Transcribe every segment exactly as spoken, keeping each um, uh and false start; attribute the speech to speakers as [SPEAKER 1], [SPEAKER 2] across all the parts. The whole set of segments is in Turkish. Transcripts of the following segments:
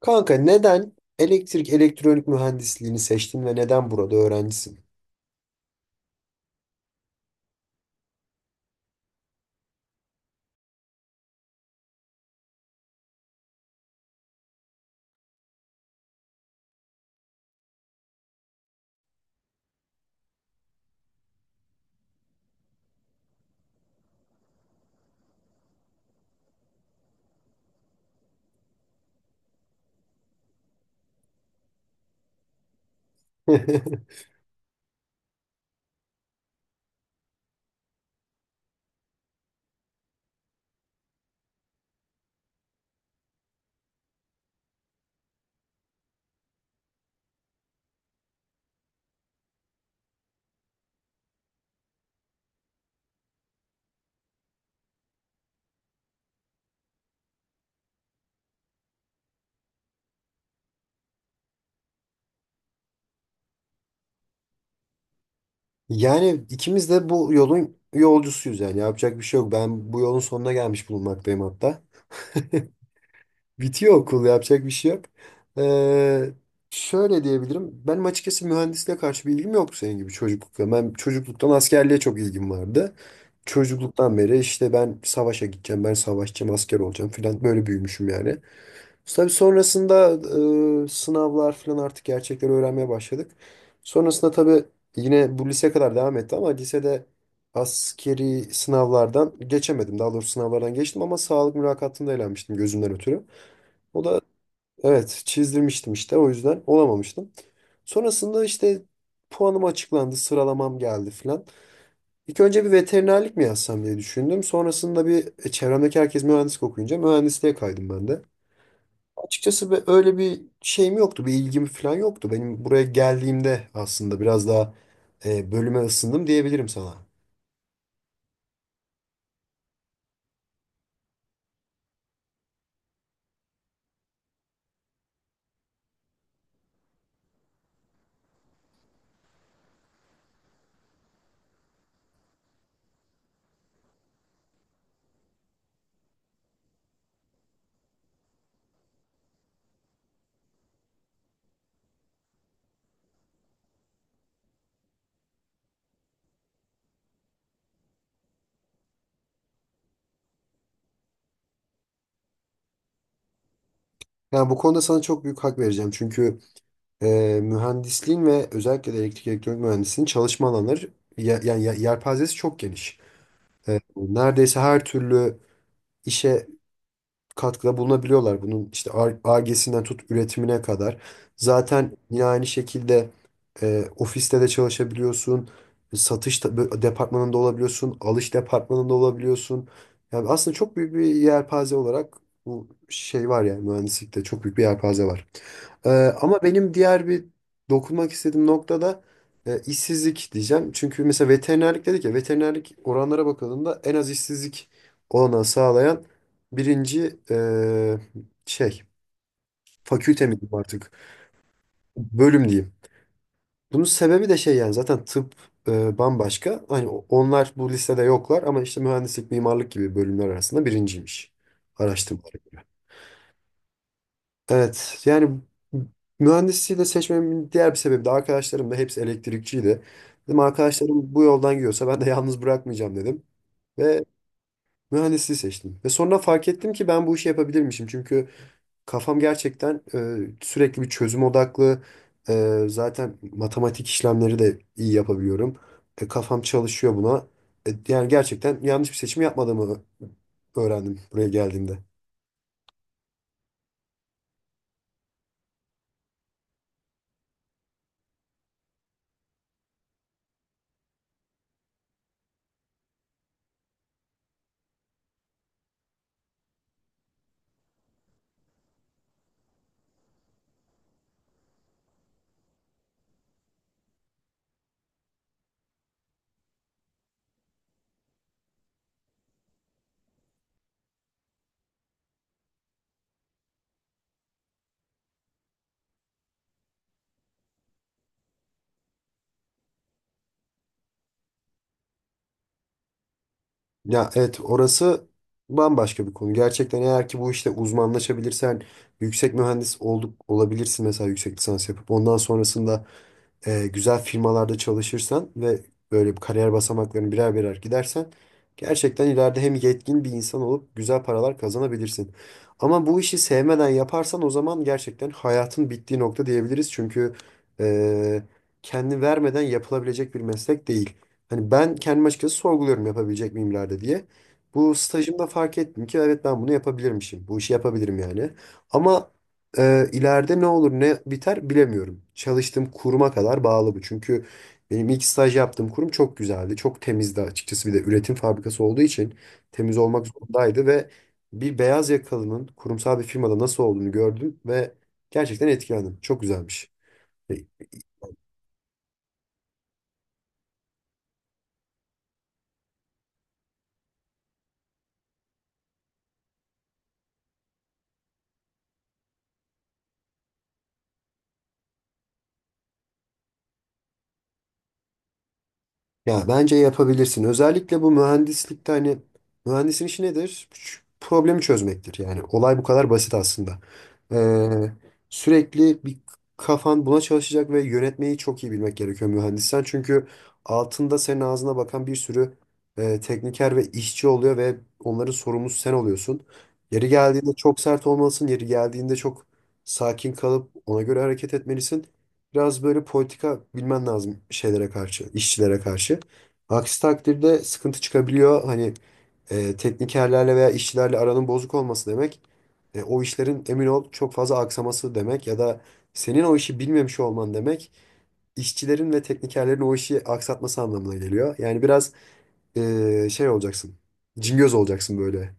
[SPEAKER 1] Kanka neden elektrik elektronik mühendisliğini seçtin ve neden burada öğrencisin? Yani ikimiz de bu yolun yolcusuyuz, yani yapacak bir şey yok. Ben bu yolun sonuna gelmiş bulunmaktayım hatta. Bitiyor okul, yapacak bir şey yok. Ee, Şöyle diyebilirim. Benim açıkçası mühendisliğe karşı bir ilgim yoktu senin gibi çocuklukta. Ben çocukluktan askerliğe çok ilgim vardı. Çocukluktan beri işte ben savaşa gideceğim, ben savaşçı asker olacağım falan böyle büyümüşüm yani. Tabii sonrasında e, sınavlar falan artık gerçekleri öğrenmeye başladık. Sonrasında tabii yine bu lise kadar devam etti ama lisede askeri sınavlardan geçemedim. Daha doğrusu sınavlardan geçtim ama sağlık mülakatında elenmiştim gözümden ötürü. O da evet, çizdirmiştim işte, o yüzden olamamıştım. Sonrasında işte puanım açıklandı, sıralamam geldi falan. İlk önce bir veterinerlik mi yazsam diye düşündüm. Sonrasında bir e, çevremdeki herkes mühendislik okuyunca mühendisliğe kaydım ben de. Açıkçası be- öyle bir şeyim yoktu, bir ilgim falan yoktu. Benim buraya geldiğimde aslında biraz daha e, bölüme ısındım diyebilirim sana. Yani bu konuda sana çok büyük hak vereceğim. Çünkü e, mühendisliğin ve özellikle de elektrik elektronik mühendisliğin çalışma alanları ya- yani ya- yelpazesi çok geniş. E, neredeyse her türlü işe katkıda bulunabiliyorlar. Bunun işte Ar-Ge'sinden tut üretimine kadar. Zaten yine aynı şekilde e, ofiste de çalışabiliyorsun. Satış da- bö- departmanında olabiliyorsun. Alış departmanında olabiliyorsun. Yani aslında çok büyük bir yelpaze olarak bu şey var, yani mühendislikte çok büyük bir yelpaze var. Ee, Ama benim diğer bir dokunmak istediğim nokta da e, işsizlik diyeceğim. Çünkü mesela veterinerlik dedik ya, veterinerlik oranlara bakıldığında en az işsizlik olanağı sağlayan birinci e, şey, fakülte mi diyeyim artık, bölüm diyeyim. Bunun sebebi de şey, yani zaten tıp e, bambaşka. Hani o- onlar bu listede yoklar ama işte mühendislik, mimarlık gibi bölümler arasında birinciymiş araştırmalar. Evet, yani mühendisliği de seçmemin diğer bir sebebi de arkadaşlarım da hepsi elektrikçiydi. Dedim arkadaşlarım bu yoldan gidiyorsa ben de yalnız bırakmayacağım dedim. Ve mühendisliği seçtim. Ve sonra fark ettim ki ben bu işi yapabilirmişim. Çünkü kafam gerçekten e, sürekli bir çözüm odaklı. E, zaten matematik işlemleri de iyi yapabiliyorum. E, kafam çalışıyor buna. E, yani gerçekten yanlış bir seçim yapmadığımı öğrendim buraya geldiğimde. Ya evet, orası bambaşka bir konu. Gerçekten eğer ki bu işte uzmanlaşabilirsen yüksek mühendis olduk olabilirsin mesela, yüksek lisans yapıp ondan sonrasında e, güzel firmalarda çalışırsan ve böyle bir kariyer basamaklarını birer birer gidersen gerçekten ileride hem yetkin bir insan olup güzel paralar kazanabilirsin. Ama bu işi sevmeden yaparsan o zaman gerçekten hayatın bittiği nokta diyebiliriz. Çünkü e, kendi vermeden yapılabilecek bir meslek değil. Hani ben kendim açıkçası sorguluyorum yapabilecek miyim ileride diye. Bu stajımda fark ettim ki evet, ben bunu yapabilirmişim. Bu işi yapabilirim yani. Ama ee, ileride ne olur ne biter bilemiyorum. Çalıştığım kuruma kadar bağlı bu. Çünkü benim ilk staj yaptığım kurum çok güzeldi. Çok temizdi açıkçası. Bir de üretim fabrikası olduğu için temiz olmak zorundaydı ve bir beyaz yakalının kurumsal bir firmada nasıl olduğunu gördüm ve gerçekten etkilendim. Çok güzelmiş. E, Ya bence yapabilirsin. Özellikle bu mühendislikte hani mühendisin işi nedir? Ç- Problemi çözmektir. Yani olay bu kadar basit aslında. Ee, Sürekli bir kafan buna çalışacak ve yönetmeyi çok iyi bilmek gerekiyor mühendissen. Çünkü altında senin ağzına bakan bir sürü e, tekniker ve işçi oluyor ve onların sorumlusu sen oluyorsun. Yeri geldiğinde çok sert olmalısın. Yeri geldiğinde çok sakin kalıp ona göre hareket etmelisin. Biraz böyle politika bilmen lazım şeylere karşı, işçilere karşı. Aksi takdirde sıkıntı çıkabiliyor. Hani e, teknikerlerle veya işçilerle aranın bozuk olması demek, e, o işlerin emin ol çok fazla aksaması demek ya da senin o işi bilmemiş olman demek, işçilerin ve teknikerlerin o işi aksatması anlamına geliyor. Yani biraz e, şey olacaksın, cingöz olacaksın böyle.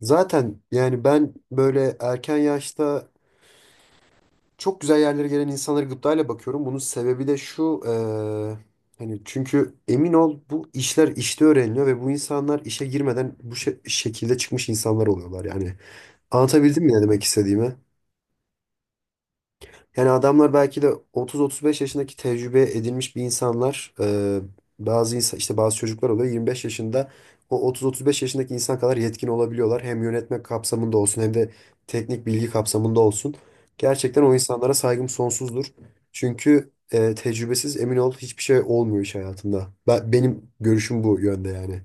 [SPEAKER 1] Zaten yani ben böyle erken yaşta çok güzel yerlere gelen insanlara gıptayla bakıyorum. Bunun sebebi de şu. Eee, hani çünkü emin ol bu işler işte öğreniliyor ve bu insanlar işe girmeden bu şe- şekilde çıkmış insanlar oluyorlar. Yani anlatabildim mi ne demek istediğimi? Yani adamlar belki de otuz otuz beş yaşındaki tecrübe edilmiş bir insanlar. E, bazı insan, işte bazı çocuklar oluyor yirmi beş yaşında, o otuz otuz beş yaşındaki insan kadar yetkin olabiliyorlar. Hem yönetme kapsamında olsun hem de teknik bilgi kapsamında olsun. Gerçekten o insanlara saygım sonsuzdur. Çünkü e, tecrübesiz emin ol hiçbir şey olmuyor iş hayatında. Ben, benim görüşüm bu yönde yani.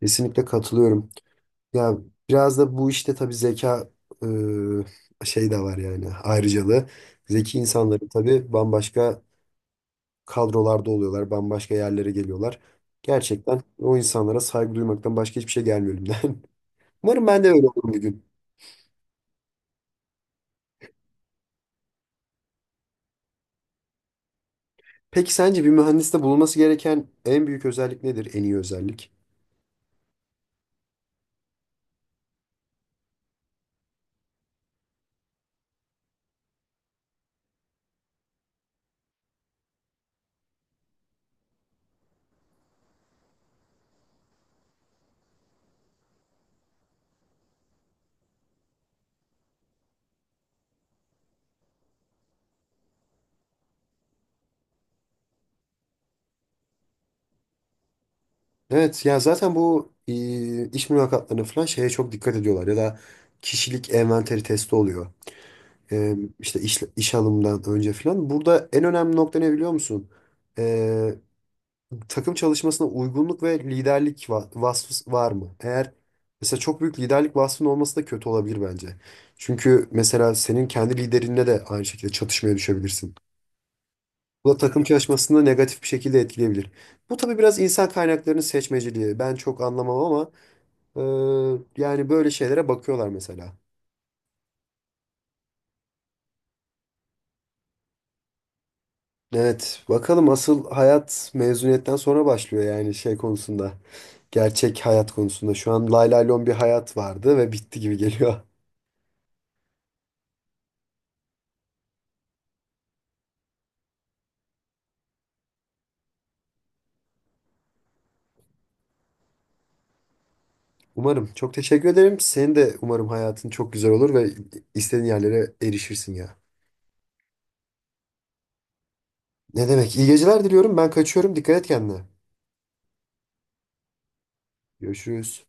[SPEAKER 1] Kesinlikle katılıyorum. Ya biraz da bu işte tabii zeka e, şey de var yani, ayrıcalığı. Zeki insanların tabii bambaşka kadrolarda oluyorlar, bambaşka yerlere geliyorlar. Gerçekten o insanlara saygı duymaktan başka hiçbir şey gelmiyor elimden. Umarım ben de öyle olurum bir gün. Peki sence bir mühendiste bulunması gereken en büyük özellik nedir? En iyi özellik? Evet ya, zaten bu e, iş mülakatlarına falan şeye çok dikkat ediyorlar ya da kişilik envanteri testi oluyor. e, işte iş, iş alımdan önce falan. Burada en önemli nokta ne biliyor musun? E, takım çalışmasına uygunluk ve liderlik va- vasfı var mı? Eğer mesela çok büyük liderlik vasfının olması da kötü olabilir bence. Çünkü mesela senin kendi liderinle de aynı şekilde çatışmaya düşebilirsin. Bu da takım çalışmasını negatif bir şekilde etkileyebilir. Bu tabii biraz insan kaynaklarının seçmeciliği. Ben çok anlamam ama e, yani böyle şeylere bakıyorlar mesela. Evet, bakalım asıl hayat mezuniyetten sonra başlıyor yani şey konusunda. Gerçek hayat konusunda. Şu an lay lay lon bir hayat vardı ve bitti gibi geliyor. Umarım. Çok teşekkür ederim. Senin de umarım hayatın çok güzel olur ve istediğin yerlere erişirsin ya. Ne demek? İyi geceler diliyorum. Ben kaçıyorum. Dikkat et kendine. Görüşürüz.